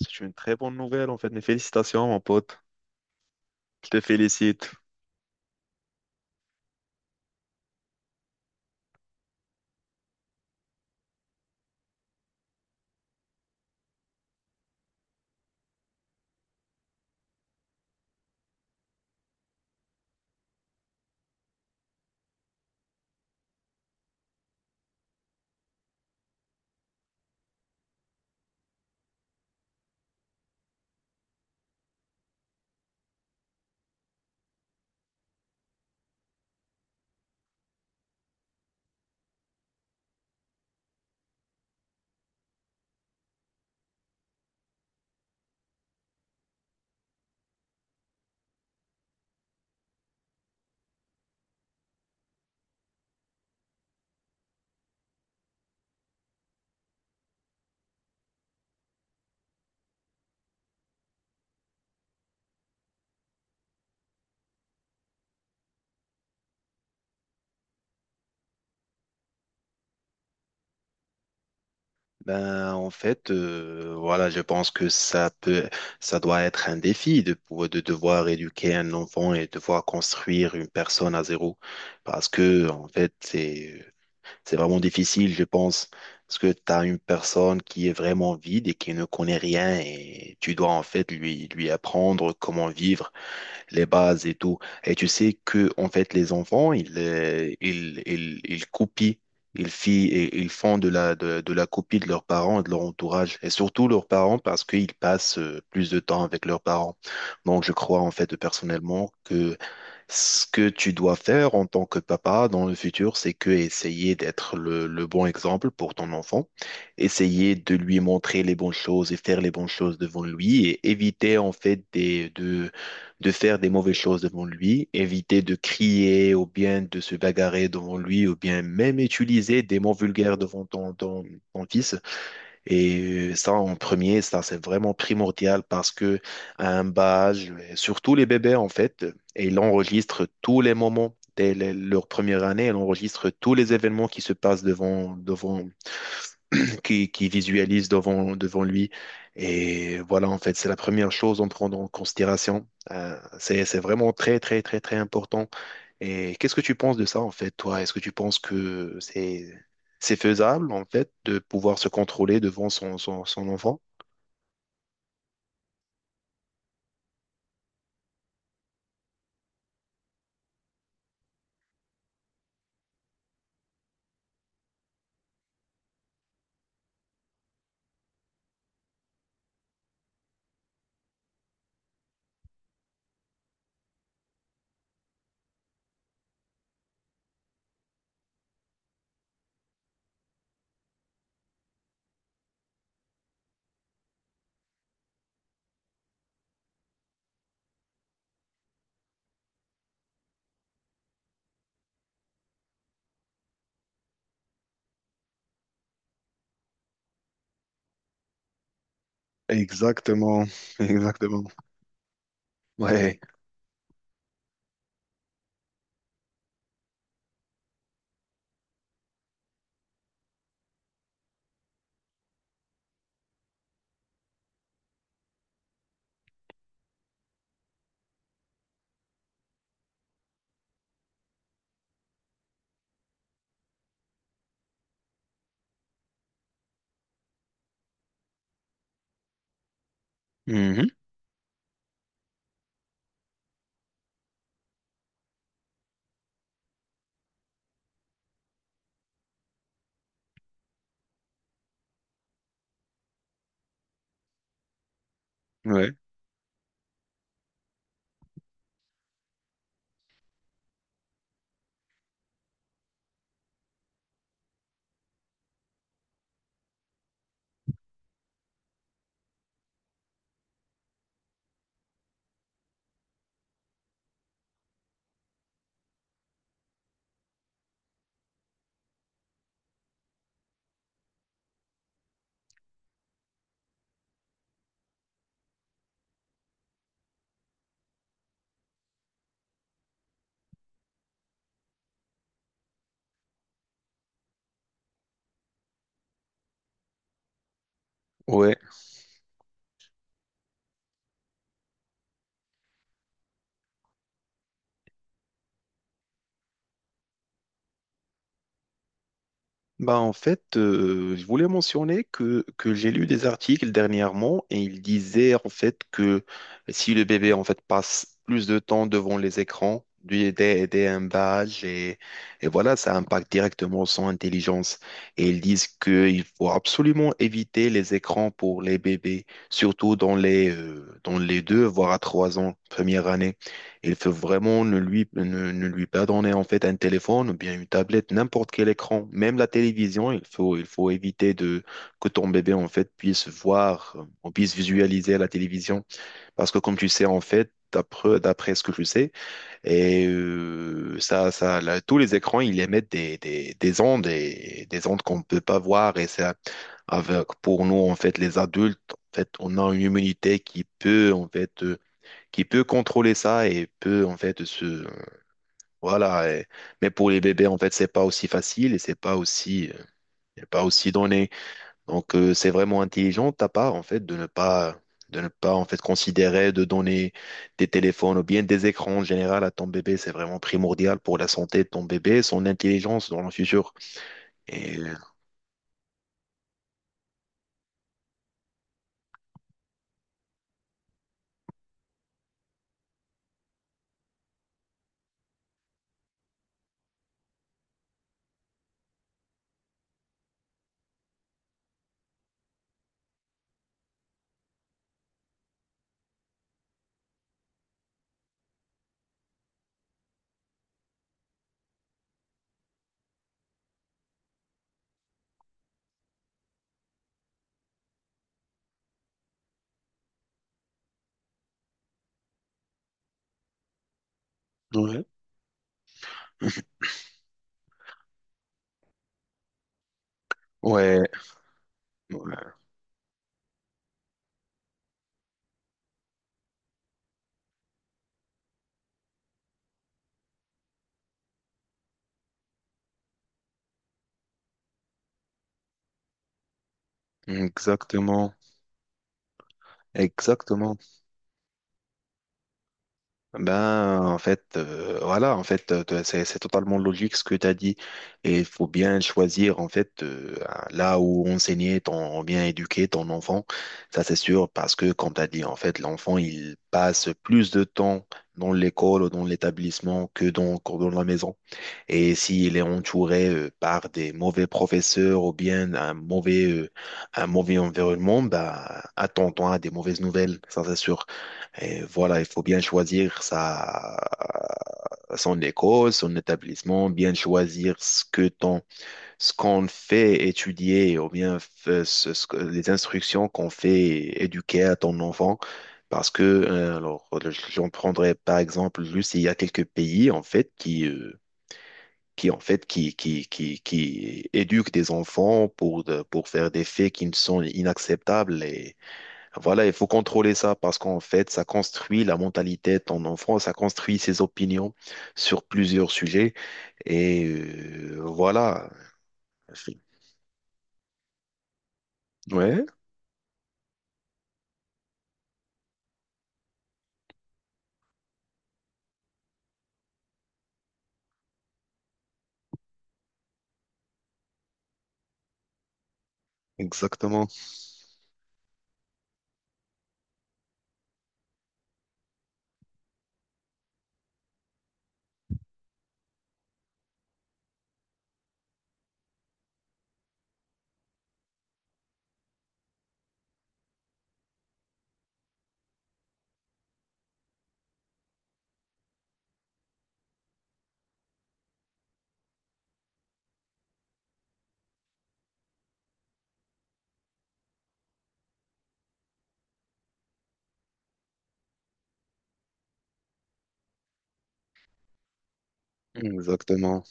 C'est une très bonne nouvelle, en fait. Mais félicitations, mon pote. Je te félicite. Ben, en fait, voilà, je pense que ça doit être un défi de devoir éduquer un enfant et devoir construire une personne à zéro. Parce que, en fait, c'est vraiment difficile, je pense. Parce que tu as une personne qui est vraiment vide et qui ne connaît rien et tu dois, en fait, lui apprendre comment vivre. Les bases et tout. Et tu sais que en fait les enfants ils copient, ils fi- et ils font de la copie de leurs parents et de leur entourage, et surtout leurs parents parce qu'ils passent plus de temps avec leurs parents. Donc je crois en fait personnellement que ce que tu dois faire en tant que papa dans le futur, c'est que essayer d'être le bon exemple pour ton enfant, essayer de lui montrer les bonnes choses et faire les bonnes choses devant lui, et éviter en fait de faire des mauvaises choses devant lui, éviter de crier ou bien de se bagarrer devant lui ou bien même utiliser des mots vulgaires devant ton fils. Et ça, en premier, ça, c'est vraiment primordial parce que à un bas âge, surtout les bébés, en fait, et ils enregistrent tous les moments. Dès leur première année, elle enregistre tous les événements qui se passent qui visualise devant lui. Et voilà, en fait, c'est la première chose à prendre en considération. C'est vraiment très important. Et qu'est-ce que tu penses de ça, en fait, toi? Est-ce que tu penses que c'est faisable, en fait, de pouvoir se contrôler devant son enfant? Exactement, exactement. Ouais. Mhm. Ouais. Ouais. Bah en fait, je voulais mentionner que j'ai lu des articles dernièrement et ils disaient en fait que si le bébé en fait passe plus de temps devant les écrans, dès un bas âge, et voilà, ça impacte directement son intelligence. Et ils disent qu'il faut absolument éviter les écrans pour les bébés, surtout dans les deux, voire à trois ans, première année. Il faut vraiment ne lui pas donner en fait un téléphone ou bien une tablette, n'importe quel écran, même la télévision. Il faut éviter de, que ton bébé en fait puisse voir ou puisse visualiser la télévision. Parce que comme tu sais en fait, d'après ce que je sais, là, tous les écrans, ils émettent des ondes, et des ondes qu'on ne peut pas voir. Et ça, avec, pour nous en fait, les adultes, en fait, on a une immunité qui peut en fait... qui peut contrôler ça et peut en fait se voilà et- mais pour les bébés en fait c'est pas aussi facile et c'est pas aussi donné. Donc c'est vraiment intelligent de ta part en fait de ne pas, de ne pas en fait considérer de donner des téléphones ou bien des écrans en général à ton bébé. C'est vraiment primordial pour la santé de ton bébé, son intelligence dans le futur. Et ouais. Ouais, ouais, exactement, exactement. Ben, en fait, c'est totalement logique ce que tu as dit. Et il faut bien choisir, en fait, là où enseigner ton, bien éduquer ton enfant. Ça, c'est sûr, parce que, comme tu as dit, en fait, l'enfant, il passe plus de temps dans l'école ou dans l'établissement que que dans la maison. Et s'il est entouré, par des mauvais professeurs ou bien un mauvais environnement, bah, attends-toi à des mauvaises nouvelles. Ça, c'est sûr. Et voilà, il faut bien choisir sa, son école, son établissement, bien choisir ce que ton, ce qu'on fait étudier ou bien ce que, les instructions qu'on fait éduquer à ton enfant. Parce que, alors, j'en prendrai par exemple juste, il y a quelques pays en fait qui éduquent des enfants pour, pour faire des faits qui ne sont inacceptables. Voilà, il faut contrôler ça parce qu'en fait, ça construit la mentalité de ton enfant, ça construit ses opinions sur plusieurs sujets. Et voilà. Ouais, exactement. Exactement.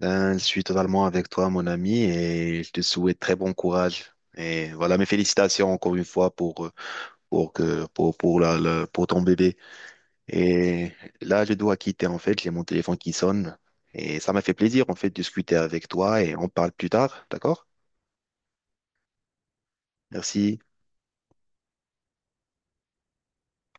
Ben, je suis totalement avec toi, mon ami, et je te souhaite très bon courage. Et voilà, mes félicitations encore une fois pour, pour pour ton bébé. Et là, je dois quitter, en fait, j'ai mon téléphone qui sonne. Et ça m'a fait plaisir, en fait, de discuter avec toi, et on parle plus tard, d'accord? Merci.